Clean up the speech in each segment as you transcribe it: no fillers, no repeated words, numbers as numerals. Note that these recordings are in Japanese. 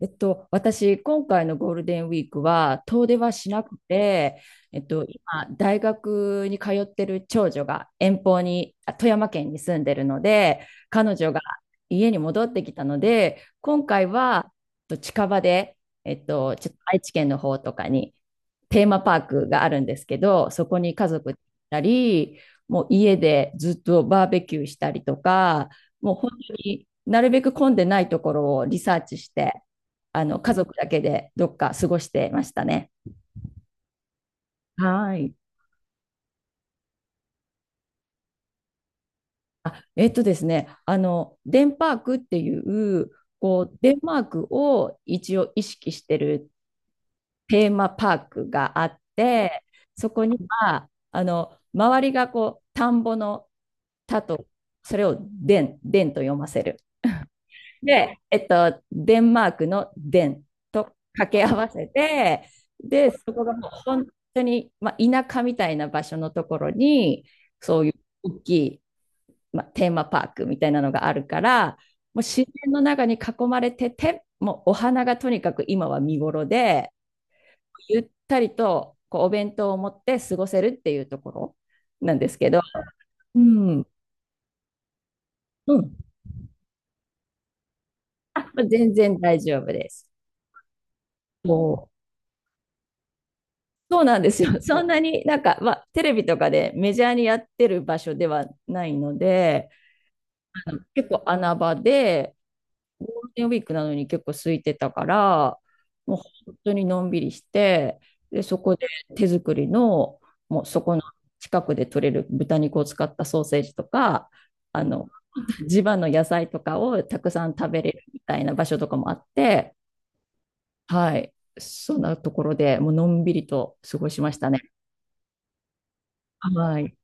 私、今回のゴールデンウィークは遠出はしなくて、今、大学に通ってる長女が遠方に、あ富山県に住んでるので、彼女が家に戻ってきたので、今回は、近場で、ちょっと愛知県の方とかにテーマパークがあるんですけど、そこに家族で行ったり、もう家でずっとバーベキューしたりとか、もう本当になるべく混んでないところをリサーチして、家族だけでどっか過ごしてましたね。はい。あ、えっとですね、あの、デンパークっていう、こう、デンマークを一応意識してるテーマパークがあって、そこには、周りがこう、田んぼの田と、それをデンと読ませる。で、デンマークのデンと掛け合わせて、で、そこがもう本当に、まあ、田舎みたいな場所のところに、そういう大きい、まあ、テーマパークみたいなのがあるから、もう自然の中に囲まれてて、もうお花がとにかく今は見頃で、ゆったりとこうお弁当を持って過ごせるっていうところなんですけど、うん、うん、あ、全然大丈夫です。もうそうなんですよ。そんなになんか、まあ、テレビとかでメジャーにやってる場所ではないので、結構穴場で、ゴールデンウィークなのに結構空いてたから、もう本当にのんびりして、で、そこで手作りの、もうそこの近くで取れる豚肉を使ったソーセージとか、あの、地場の野菜とかをたくさん食べれるみたいな場所とかもあって、はい、そんなところでもうのんびりと過ごしましたね。はい。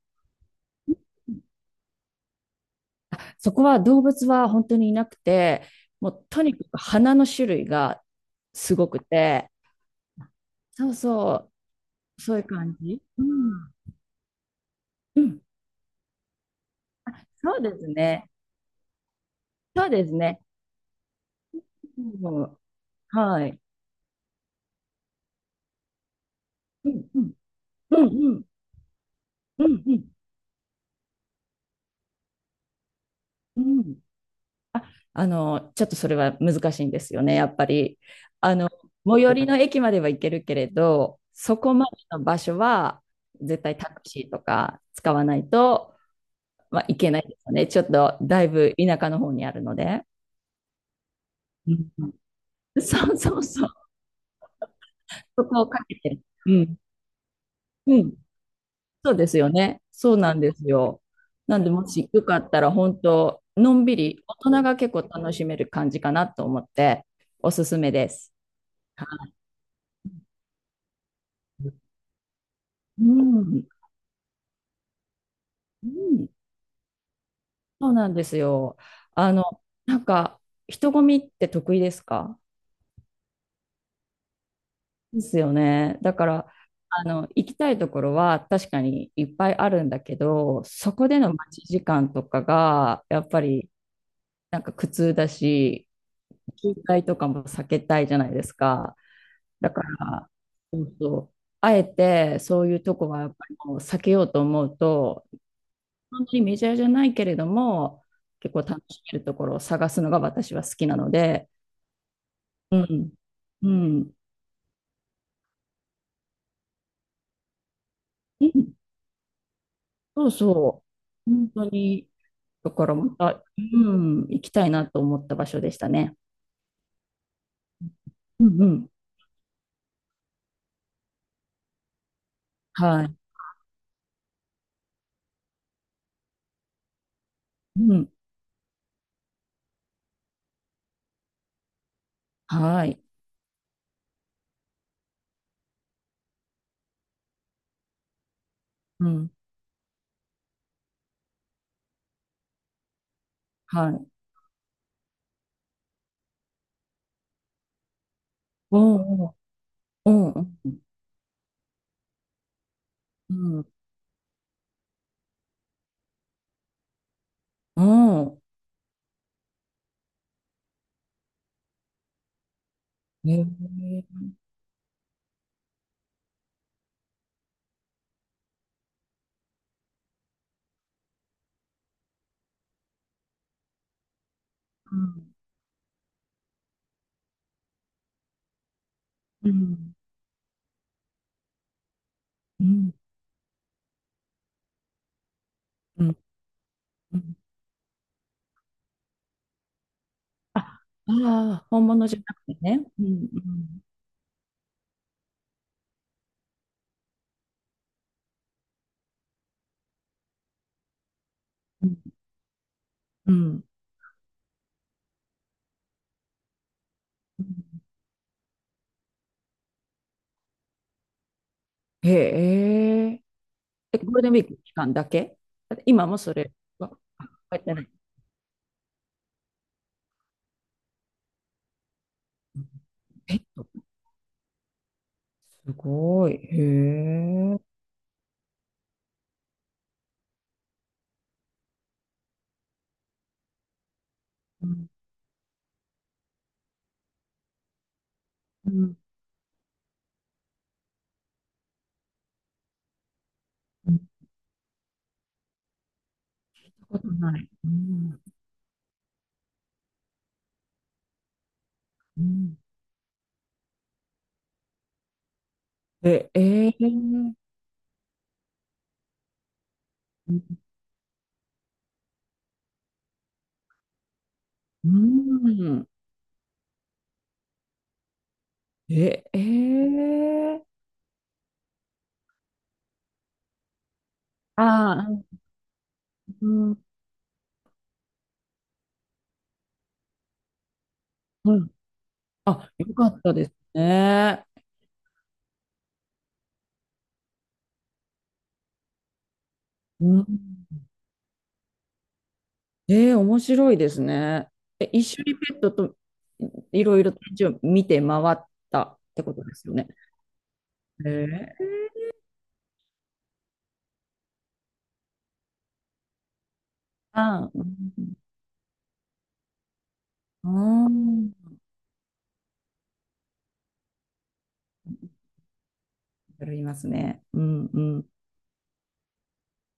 そこは動物は本当にいなくて、もうとにかく花の種類がすごくて、そうそう、そういう感じ。うん。うん。そうですね。そうですね。うん、はい。うん、うん。うん、うん。うん、うん。うん。あ、ちょっとそれは難しいんですよね、やっぱり。あの、最寄りの駅までは行けるけれど、そこまでの場所は絶対タクシーとか使わないとまあ、行けないですね。ちょっと、だいぶ田舎の方にあるので。うんうんそうそうそう。そこをかけて。うん。うん。そうですよね。そうなんですよ。なんで、もしよかったら、本当のんびり、大人が結構楽しめる感じかなと思って、おすすめです。はいうん、うん、そうなんですよ。あの、なんか、人混みって得意ですか？ですよね。だから、行きたいところは確かにいっぱいあるんだけど、そこでの待ち時間とかが、やっぱりなんか苦痛だし、渋滞とかも避けたいじゃないですか。だから、そうそう。あえてそういうとこはやっぱりもう避けようと思うと、本当にメジャーじゃないけれども、結構楽しめるところを探すのが私は好きなので、うん、うん、うん、そうそう、本当に。ところも、あうん、行きたいなと思った場所でしたね。うんうん。はい。うん。はい。うん。はい。おうおう。おううん。うん。おう。へえ。うん。うん。うん。うん。うん。あ、ああ、本物じゃなくてね。うん。うん。うん。うんへえ。え、ゴールデンウィーク期間だけ今もそれは、あ、やってない。ペット。すごい。へえ。うん、うん、ことない。うん、うん。え、えーうんえ、ええああ、うん、うん。あ、よかったですね。うん。えー面白いですね。え、一緒にペットといろいろ展示を見て回ったってことですよね。ええああ、うん。うん。ありますね。うん、うん、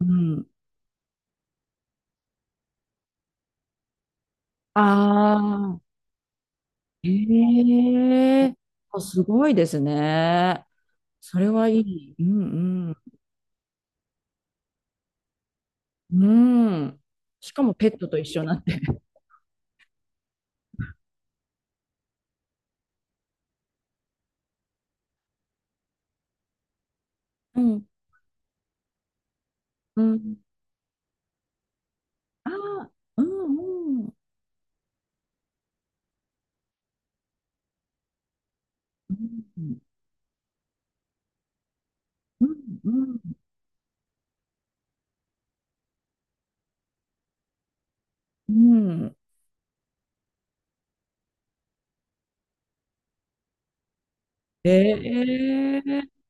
うん。ああ。ええあ、すごいですね。それはいい。うんうん。うん。しかもペットと一緒になって。うん。うん。ああ、うんうん。うんうんうん。うんええ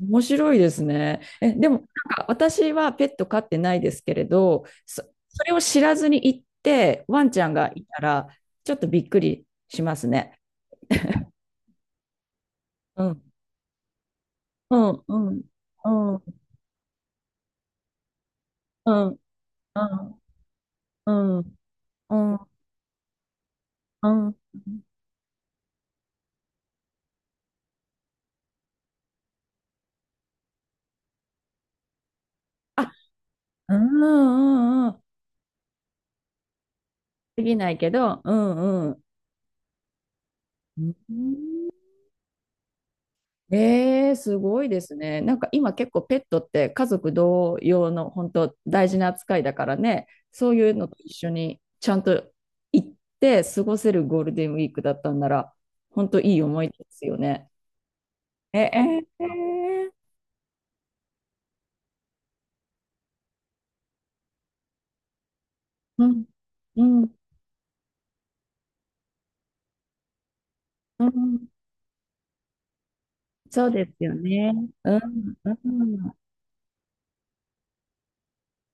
面白いですね。え、でも、なんか私はペット飼ってないですけれど、それを知らずに行って、ワンちゃんがいたら、ちょっとびっくりしますね。うん。うん、うん、うん。うんうん、うん、うん、うん。あ、うん、うん、うん。できないけど、うん、うん。うんえー、すごいですね。なんか今結構ペットって家族同様の本当大事な扱いだからね、そういうのと一緒にちゃんと行って過ごせるゴールデンウィークだったんなら、本当いい思い出ですよね。ええー、うん、うん、うん、そうですよね。うん、うん。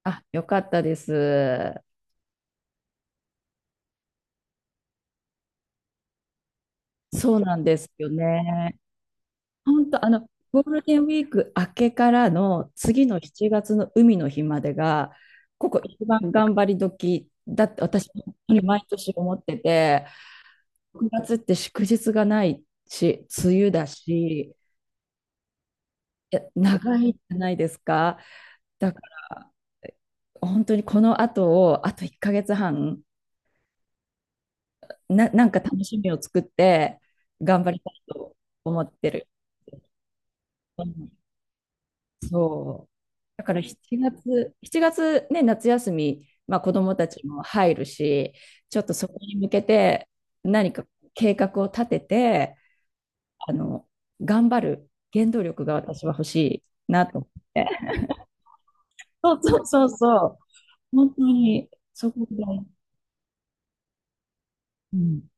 あ、よかったです。そうなんですよね。本当、ゴールデンウィーク明けからの次の7月の海の日までが、ここ一番頑張り時だって私、本当に毎年思ってて、6月って祝日がないし、梅雨だし、いや長いじゃないですか。だから、本当にこの後を、あと1ヶ月半、なんか楽しみを作って、頑張りたいと思ってる。そう。だから7月、7月ね、夏休み、まあ、子どもたちも入るし、ちょっとそこに向けて何か計画を立てて、あの、頑張る原動力が私は欲しいなと思って。そうそうそうそう。本当に、そこぐらい。うん